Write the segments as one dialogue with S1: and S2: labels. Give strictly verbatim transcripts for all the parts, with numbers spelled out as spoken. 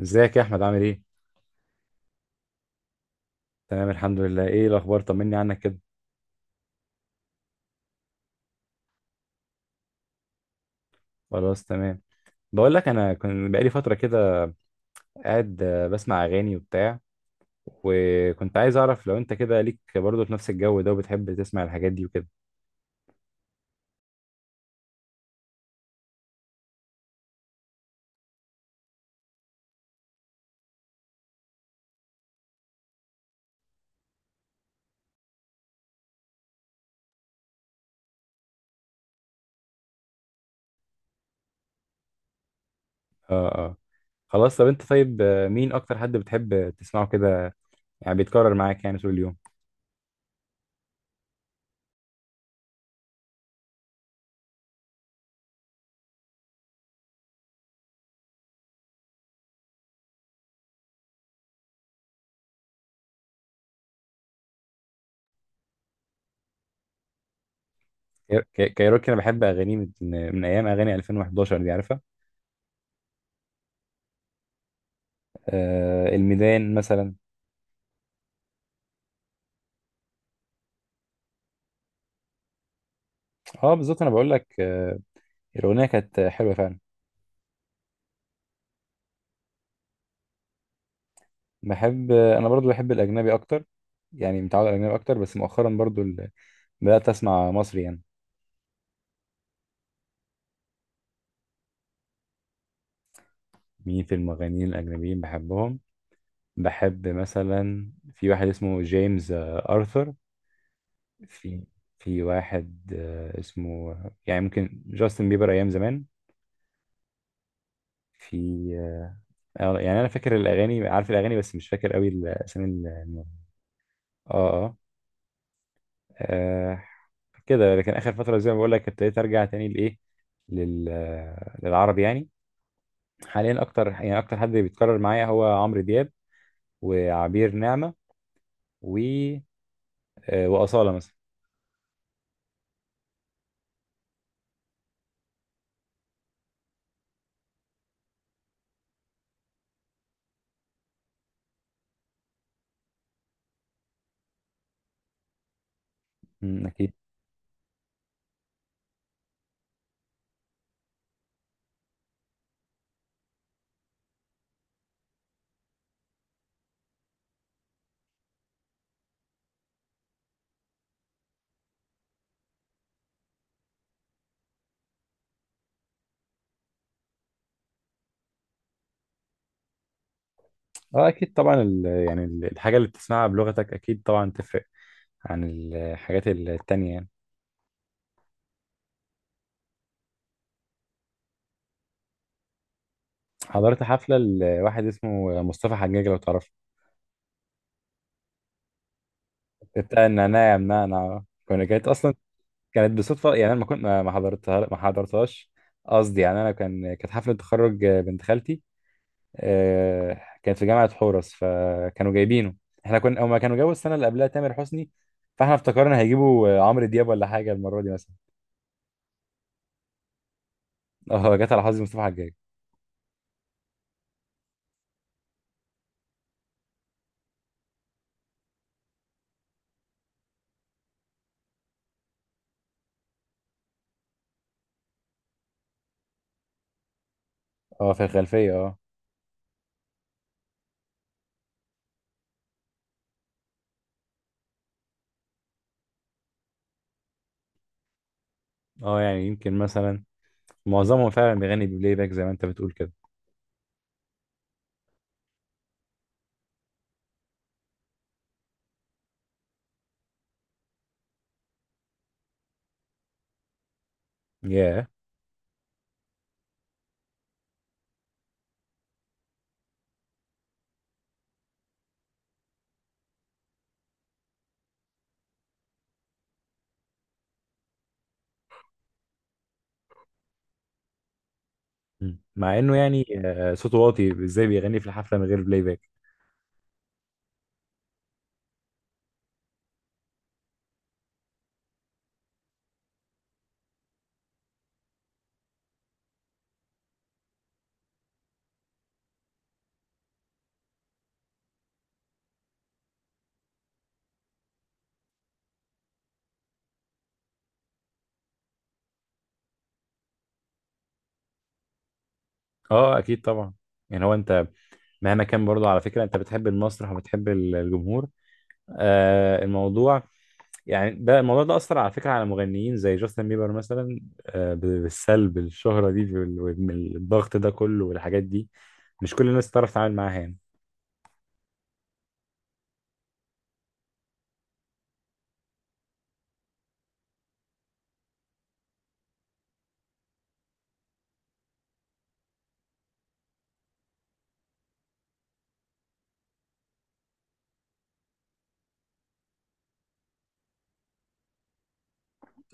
S1: ازيك يا احمد عامل ايه؟ تمام الحمد لله. ايه الاخبار؟ طمني عنك كده. خلاص تمام. بقول لك انا كنت بقالي فتره كده قاعد آه، بسمع اغاني وبتاع، وكنت عايز اعرف لو انت كده ليك برضه في نفس الجو ده وبتحب تسمع الحاجات دي وكده. اه اه. خلاص طب انت طيب، آه، مين اكتر حد بتحب تسمعه كده؟ يعني بيتكرر معاك يعني طول اليوم. كاي- كايروكي انا بحب اغانيه من من ايام اغاني ألفين وحداشر، دي عارفها؟ آه الميدان مثلا. اه بالظبط، انا بقول لك آه الاغنيه كانت حلوه فعلا. بحب انا برضو، بحب الاجنبي اكتر، يعني متعود على الاجنبي اكتر، بس مؤخرا برضو ال... بدات اسمع مصري يعني. مين في المغنيين الاجنبيين بحبهم؟ بحب مثلا في واحد اسمه جيمس آه، ارثر. في في واحد آه، اسمه، يعني ممكن جاستن بيبر ايام زمان. في آه، يعني انا فاكر الاغاني، عارف الاغاني بس مش فاكر قوي الاسامي ال- الم- اه اه. آه، كده. لكن اخر فتره زي ما بقول لك ابتديت ارجع تاني لايه، لل... آه، للعربي يعني. حاليا اكتر، يعني اكتر حد بيتكرر معايا هو عمرو دياب، وعبير نعمة، و آه، وأصالة مثلا. مم، اكيد. اه اكيد طبعا، ال... يعني ال- الحاجة اللي بتسمعها بلغتك اكيد طبعا تفرق عن الحاجات التانية يعني. حضرت حفلة لواحد اسمه مصطفى حجاج، لو تعرفه. بتاع النعناع، يا منعنع، كنا كانت اصلا كانت بصدفة. يعني انا ما كنت ما ما حضرتها ما حضرتهاش. قصدي يعني انا كان كانت حفلة تخرج بنت خالتي، آه، كان في جامعة حورس، فكانوا جايبينه. احنا كنا، هما كانوا جابوا السنة اللي قبلها تامر حسني، فاحنا افتكرنا هيجيبوا آه، عمرو دياب ولا حاجة المرة دي مثلا. اه جت على حظي مصطفى حجاج. اه في الخلفية اه. اه يعني يمكن مثلا معظمهم فعلا بيغني بلاي باك زي ما انت بتقول كده. ياه. مم. مع انه يعني آه، صوته واطي، ازاي بيغني في الحفلة من غير بلاي باك؟ اه اكيد طبعا. يعني هو انت مهما كان برضه، على فكرة، انت بتحب المسرح وبتحب الجمهور. آه الموضوع يعني ده الموضوع ده أثر على فكرة على مغنيين زي جاستن بيبر مثلا، آه، بالسلب. الشهرة دي وال- والضغط ده كله والحاجات دي مش كل الناس تعرف تتعامل معاها يعني.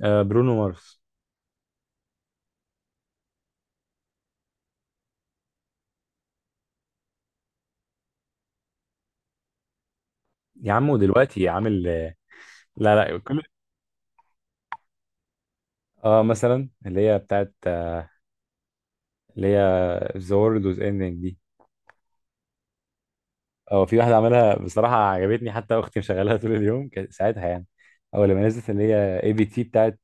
S1: آه، برونو مارس. يا عم ودلوقتي عامل آه، لا لا كل. اه مثلا اللي هي بتاعت آه، اللي هي ذا وورلد واز اندنج دي. اه في واحدة عملها بصراحة عجبتني، حتى أختي مشغلاها طول اليوم كانت ساعتها يعني، أول لما نزلت، اللي هي اي بي تي بتاعت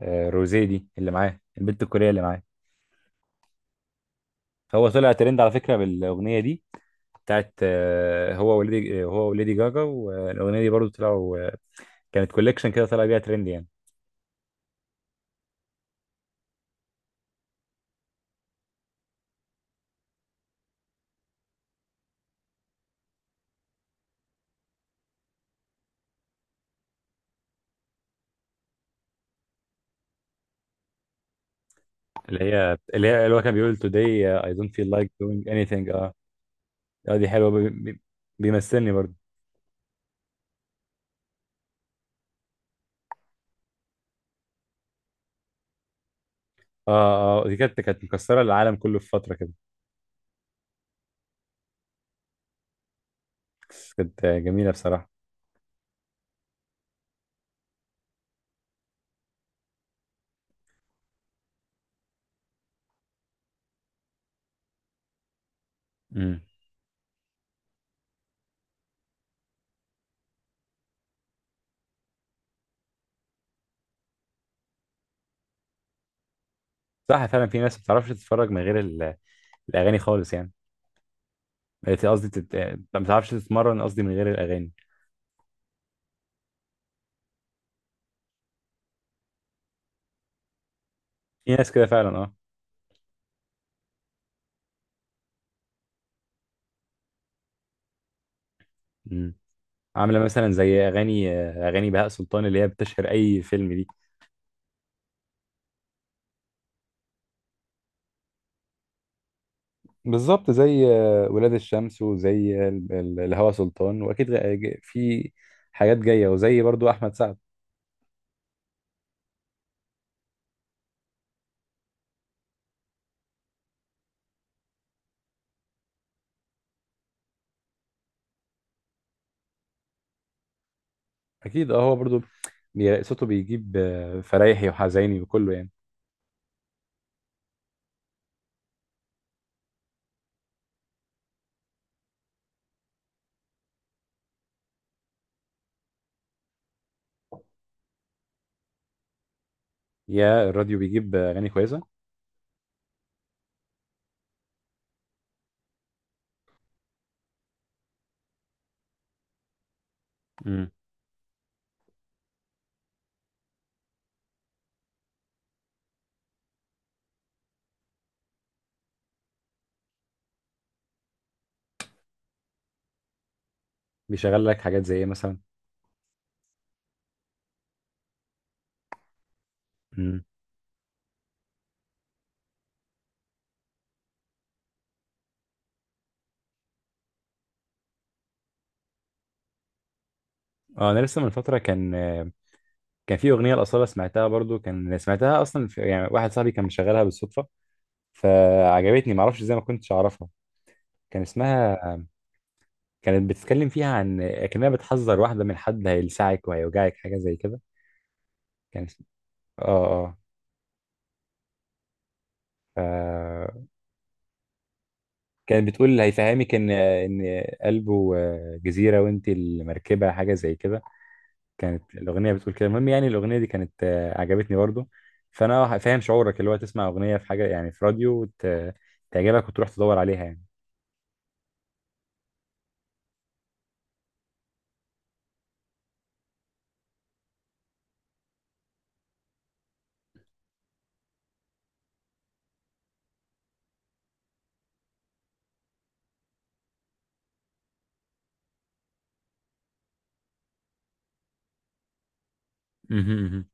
S1: آه، روزيه دي اللي معاه البنت الكورية اللي معاه. فهو طلع ترند على فكرة بالأغنية دي، بتاعت آه، هو وليدي هو وليدي جاجا. والاغنيه دي برضو طلعوا، آه، كانت كوليكشن كده طلع بيها ترند يعني. اللي هي اللي هي اللي هو كان بيقول today uh, I don't feel like doing anything. اه اه دي حلوه بي- بي- بيمثلني برضو. اه اه آه، دي كانت كانت مكسره العالم كله في فتره كده. كانت آه، جميله بصراحه. امم. صح فعلا، في ناس ما بتعرفش تتفرج من غير ال- الاغاني خالص يعني. قصدي تت... ما بتعرفش تتمرن، قصدي، من غير الاغاني. في ناس كده فعلا. اه. عامله مثلا زي اغاني اغاني بهاء سلطان اللي هي بتشهر اي فيلم دي. بالظبط زي آه، ولاد الشمس، وزي ال- ال- الهوى سلطان، واكيد غ- ج- في حاجات جايه، وزي برضو احمد سعد. اكيد. اه هو برضو بي- صوته بيجيب آه، فرايحي وحزيني وكله يعني. يا الراديو بيجيب آه، اغاني كويسه. امم. بيشغل لك حاجات زي ايه مثلا؟ امم. اه انا لسه من فتره كان آه، كان في اغنيه الاصاله، سمعتها برضو، كان سمعتها اصلا في، يعني واحد صاحبي كان مشغلها بالصدفه فعجبتني، معرفش ازاي ما كنتش اعرفها. كان اسمها، كانت بتتكلم فيها عن، كأنها بتحذر واحدة من حد هيلسعك وهيوجعك حاجة زي كده. كان اسم... اه اه. ف... كانت بتقول هيفهمك ان ان قلبه جزيرة وانت المركبة، حاجة زي كده كانت الأغنية بتقول كده. المهم يعني الأغنية دي كانت آه، عجبتني برضه. فأنا فاهم شعورك، اللي هو تسمع أغنية في حاجة يعني في راديو وت... تعجبك وتروح تدور عليها يعني. مهم، مهم.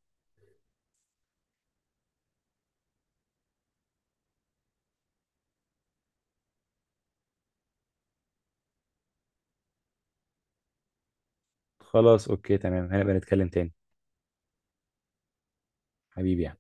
S1: خلاص اوكي تمام، هنبقى نتكلم تاني. حبيبي يعني.